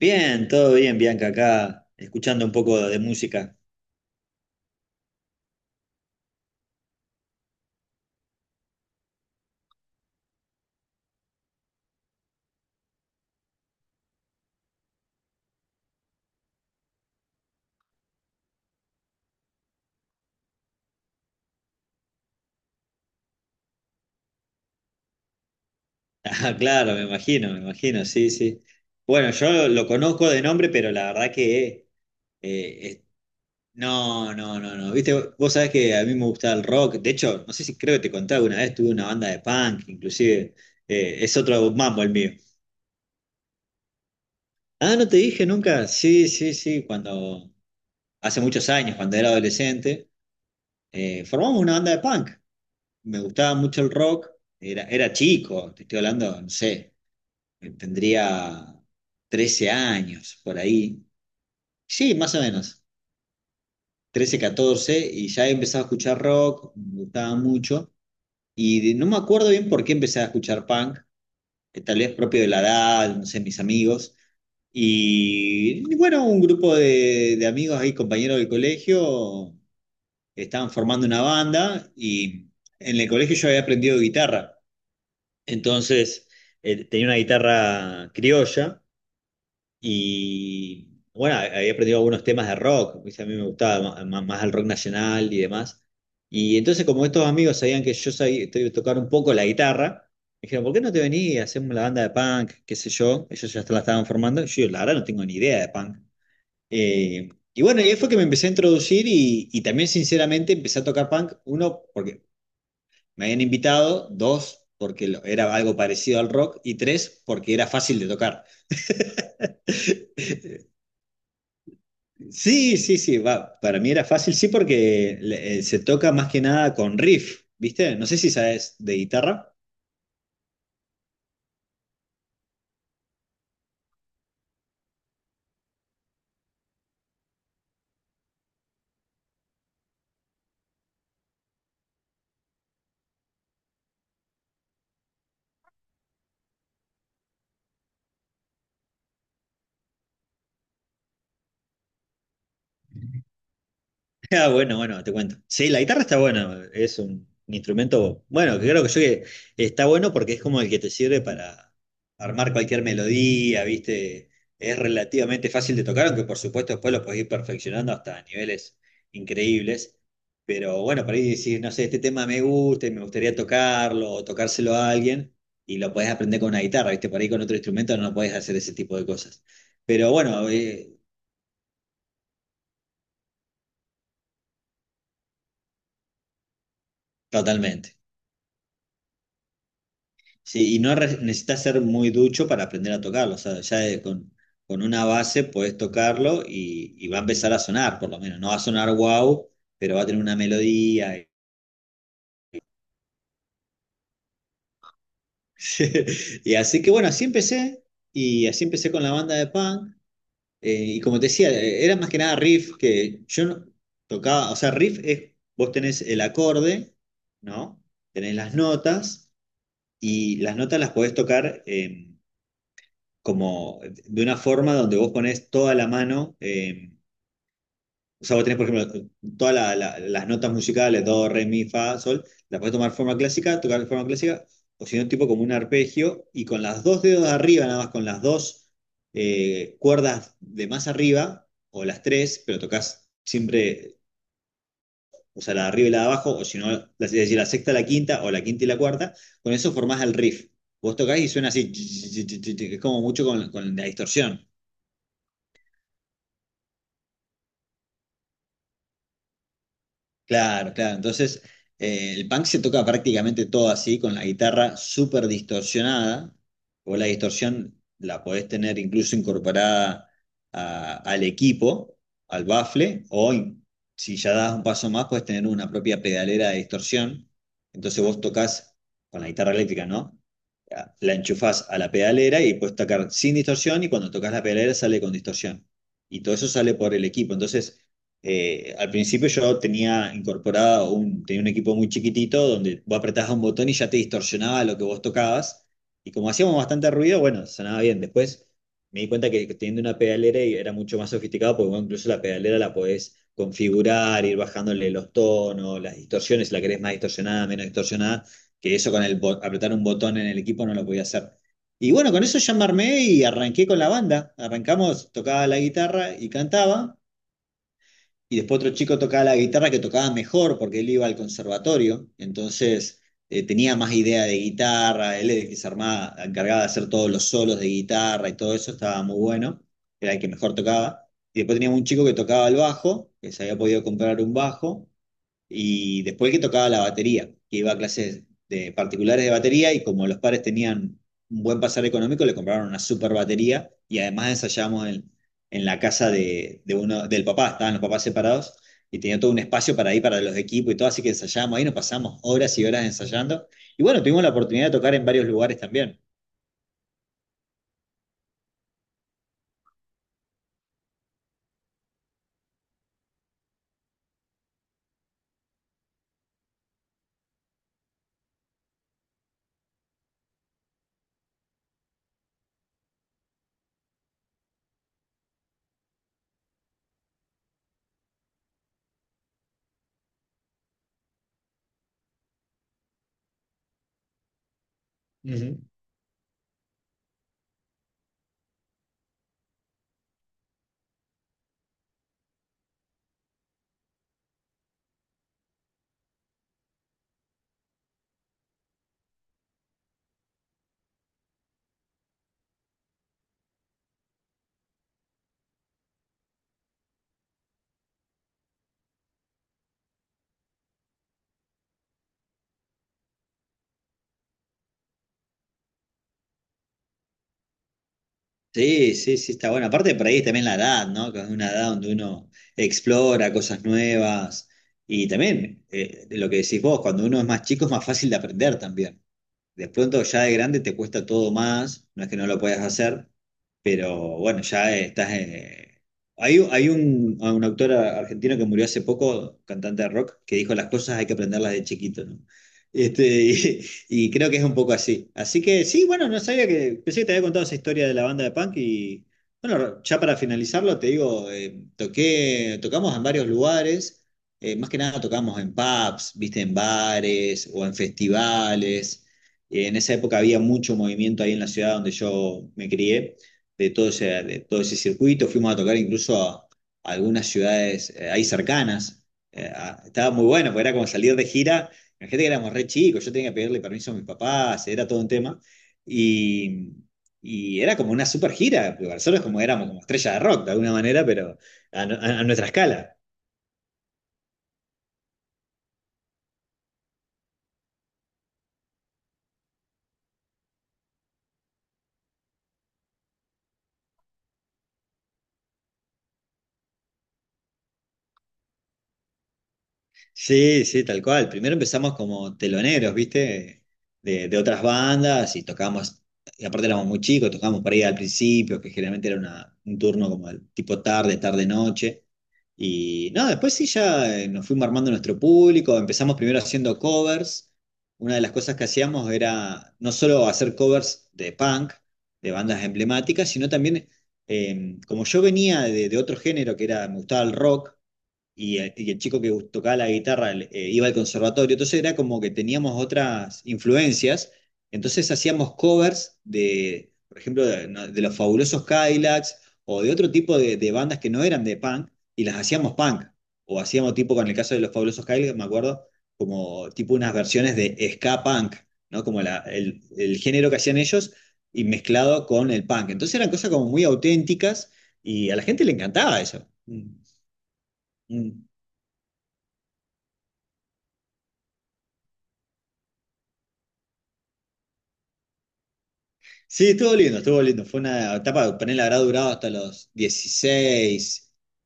Bien, todo bien, Bianca, acá escuchando un poco de música. Ah, claro, me imagino, sí, sí. Bueno, yo lo conozco de nombre, pero la verdad que eh, es- no, no, no, no. Viste, vos sabés que a mí me gusta el rock. De hecho, no sé si creo que te conté alguna vez, tuve una banda de punk, inclusive. Es otro mambo el mío. Ah, ¿no te dije nunca? Sí, sí, sí, cuando hace muchos años, cuando era adolescente, formamos una banda de punk. Me gustaba mucho el rock, era chico, te estoy hablando, no sé, tendría 13 años por ahí. Sí, más o menos, 13 14 y ya he empezado a escuchar rock, me gustaba mucho, y no me acuerdo bien por qué empecé a escuchar punk, tal vez propio de la edad, no sé, mis amigos. Y bueno, un grupo de amigos ahí, compañeros del colegio, estaban formando una banda y en el colegio yo había aprendido guitarra. Entonces, tenía una guitarra criolla y, bueno, había aprendido algunos temas de rock, ¿viste? A mí me gustaba más, el rock nacional y demás. Y entonces, como estos amigos sabían que yo sabía tocar un poco la guitarra, me dijeron, ¿por qué no te venís y hacemos la banda de punk, qué sé yo? Ellos ya la estaban formando. Yo, la verdad, no tengo ni idea de punk. Eh, y bueno, y ahí fue que me empecé a introducir y también, sinceramente, empecé a tocar punk, uno, porque me habían invitado, dos, porque era algo parecido al rock, y tres, porque era fácil de tocar. Sí, sí, sí, va, para mí era fácil, sí, porque se toca más que nada con riff, ¿viste? No sé si sabes de guitarra. Ah, bueno, bueno, te cuento. Sí, la guitarra está buena, es un instrumento, bueno, que creo que yo que está bueno porque es como el que te sirve para armar cualquier melodía, ¿viste? Es relativamente fácil de tocar, aunque por supuesto después lo podés ir perfeccionando hasta niveles increíbles. Pero bueno, por ahí decís, no sé, este tema me gusta y me gustaría tocarlo o tocárselo a alguien y lo podés aprender con una guitarra, ¿viste? Por ahí con otro instrumento no podés hacer ese tipo de cosas. Pero bueno, totalmente. Sí, y no necesitas ser muy ducho para aprender a tocarlo. O sea, ya con una base podés tocarlo y va a empezar a sonar, por lo menos. No va a sonar wow, pero va a tener una melodía. Y, y así que bueno, así empecé. Y así empecé con la banda de punk. Y como te decía, era más que nada riff que yo no tocaba. O sea, riff es, vos tenés el acorde, ¿no? Tenés las notas y las notas las podés tocar. Como de una forma donde vos ponés toda la mano, o sea, vos tenés, por ejemplo, todas las notas musicales, do, re, mi, fa, sol, las podés tomar forma clásica, tocar de forma clásica, o si no, tipo como un arpegio, y con las dos dedos de arriba, nada más con las dos cuerdas de más arriba, o las tres, pero tocas siempre, o sea, la de arriba y la de abajo, o si no, es decir, la sexta, la quinta, o la quinta y la cuarta, con eso formás el riff. Vos tocás y suena así, es como mucho con la distorsión. Claro, claro. Entonces, el punk se toca prácticamente todo así, con la guitarra súper distorsionada. O la distorsión la podés tener incluso incorporada al equipo, al bafle, o si ya das un paso más, podés tener una propia pedalera de distorsión. Entonces vos tocas con la guitarra eléctrica, ¿no? Ya, la enchufás a la pedalera y puedes tocar sin distorsión y cuando tocas la pedalera sale con distorsión. Y todo eso sale por el equipo. Entonces al principio yo tenía incorporado un equipo muy chiquitito donde vos apretabas un botón y ya te distorsionaba lo que vos tocabas. Y como hacíamos bastante ruido, bueno, sonaba bien. Después me di cuenta que teniendo una pedalera y era mucho más sofisticado porque bueno, incluso la pedalera la podés configurar, ir bajándole los tonos, las distorsiones, si la querés más distorsionada, menos distorsionada, que eso con el apretar un botón en el equipo no lo podía hacer. Y bueno, con eso ya me armé y arranqué con la banda. Arrancamos, tocaba la guitarra y cantaba. Y después otro chico tocaba la guitarra que tocaba mejor porque él iba al conservatorio, entonces tenía más idea de guitarra, él es que se armaba, encargaba de hacer todos los solos de guitarra y todo eso, estaba muy bueno, era el que mejor tocaba. Y después teníamos un chico que tocaba el bajo, que se había podido comprar un bajo, y después que tocaba la batería, que iba a clases de particulares de batería y como los padres tenían un buen pasar económico, le compraron una super batería y además ensayamos en la casa de uno, del papá, estaban los papás separados y tenía todo un espacio para ir para los equipos y todo, así que ensayamos ahí, nos pasamos horas y horas ensayando. Y bueno, tuvimos la oportunidad de tocar en varios lugares también. Ujú. Sí, sí, sí, está bueno. Aparte por ahí también la edad, ¿no? Que es una edad donde uno explora cosas nuevas. Y también, de lo que decís vos, cuando uno es más chico es más fácil de aprender también. De pronto ya de grande te cuesta todo más, no es que no lo puedas hacer, pero bueno, ya estás. Hay un autor argentino que murió hace poco, cantante de rock, que dijo las cosas hay que aprenderlas de chiquito, ¿no? Este, y creo que es un poco así. Así que sí, bueno, no sabía que. Pensé que te había contado esa historia de la banda de punk y bueno, ya para finalizarlo, te digo, tocamos en varios lugares, más que nada tocamos en pubs, viste, en bares o en festivales. En esa época había mucho movimiento ahí en la ciudad donde yo me crié, de todo ese circuito. Fuimos a tocar incluso a algunas ciudades ahí cercanas. Estaba muy bueno, porque era como salir de gira. Imagínate que éramos re chicos, yo tenía que pedirle permiso a mis papás, era todo un tema. Y, y era como una super gira, porque nosotros como éramos como estrellas de rock de alguna manera, pero a, no- a nuestra escala. Sí, sí, tal cual. Primero empezamos como teloneros, ¿viste? De otras bandas y tocábamos, y aparte éramos muy chicos, tocábamos por ahí al principio, que generalmente era un turno como el tipo tarde, tarde, noche. Y no, después sí ya nos fuimos armando nuestro público, empezamos primero haciendo covers. Una de las cosas que hacíamos era no solo hacer covers de punk, de bandas emblemáticas, sino también, como yo venía de otro género que era, me gustaba el rock y, el chico que tocaba la guitarra iba al conservatorio, entonces era como que teníamos otras influencias, entonces hacíamos covers de, por ejemplo, de, no, de los Fabulosos Cadillacs o de otro tipo de bandas que no eran de punk y las hacíamos punk, o hacíamos tipo, con el caso de los Fabulosos Cadillacs, me acuerdo, como tipo unas versiones de ska punk, ¿no? Como el género que hacían ellos y mezclado con el punk. Entonces eran cosas como muy auténticas y a la gente le encantaba eso. Mm, mm. Sí, estuvo lindo, estuvo lindo. Fue una etapa, ponele, habrá durado hasta los 16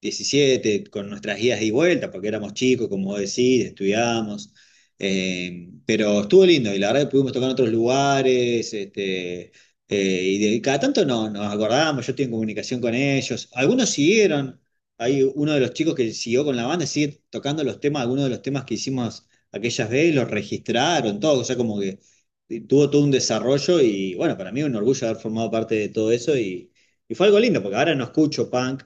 17 con nuestras guías y vueltas, porque éramos chicos, como vos decís, estudiábamos. Pero estuvo lindo, y la verdad que pudimos tocar en otros lugares, y de, cada tanto no, nos acordábamos, yo estoy en comunicación con ellos. Algunos siguieron, hay uno de los chicos que siguió con la banda, sigue tocando los temas, algunos de los temas que hicimos aquellas veces, los registraron, todo, o sea, como que tuvo todo un desarrollo y bueno, para mí es un orgullo haber formado parte de todo eso y, fue algo lindo, porque ahora no escucho punk,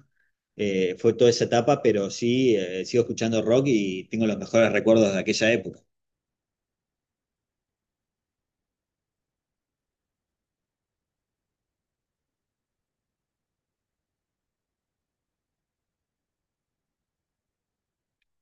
fue toda esa etapa, pero sí sigo escuchando rock y tengo los mejores recuerdos de aquella época.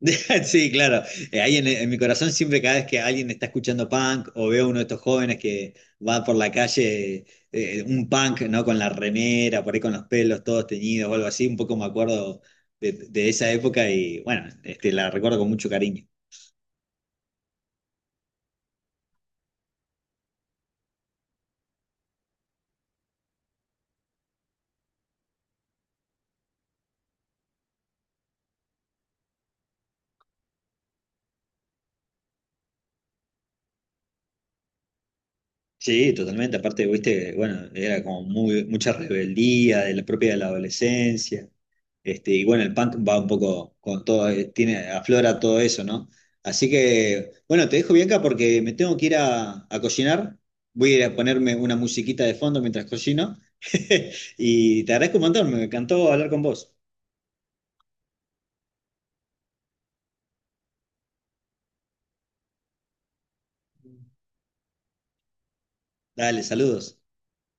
Sí, claro, ahí en mi corazón siempre cada vez que alguien está escuchando punk o veo a uno de estos jóvenes que va por la calle, un punk, ¿no? Con la remera, por ahí con los pelos todos teñidos o algo así, un poco me acuerdo de esa época y bueno, la recuerdo con mucho cariño. Sí, totalmente. Aparte, viste, bueno, era como mucha rebeldía de la propia de la adolescencia. Y bueno, el punk va un poco con todo, aflora todo eso, ¿no? Así que, bueno, te dejo Bianca porque me tengo que ir a cocinar. Voy a ir a ponerme una musiquita de fondo mientras cocino. Y te agradezco un montón, me encantó hablar con vos. Dale, saludos.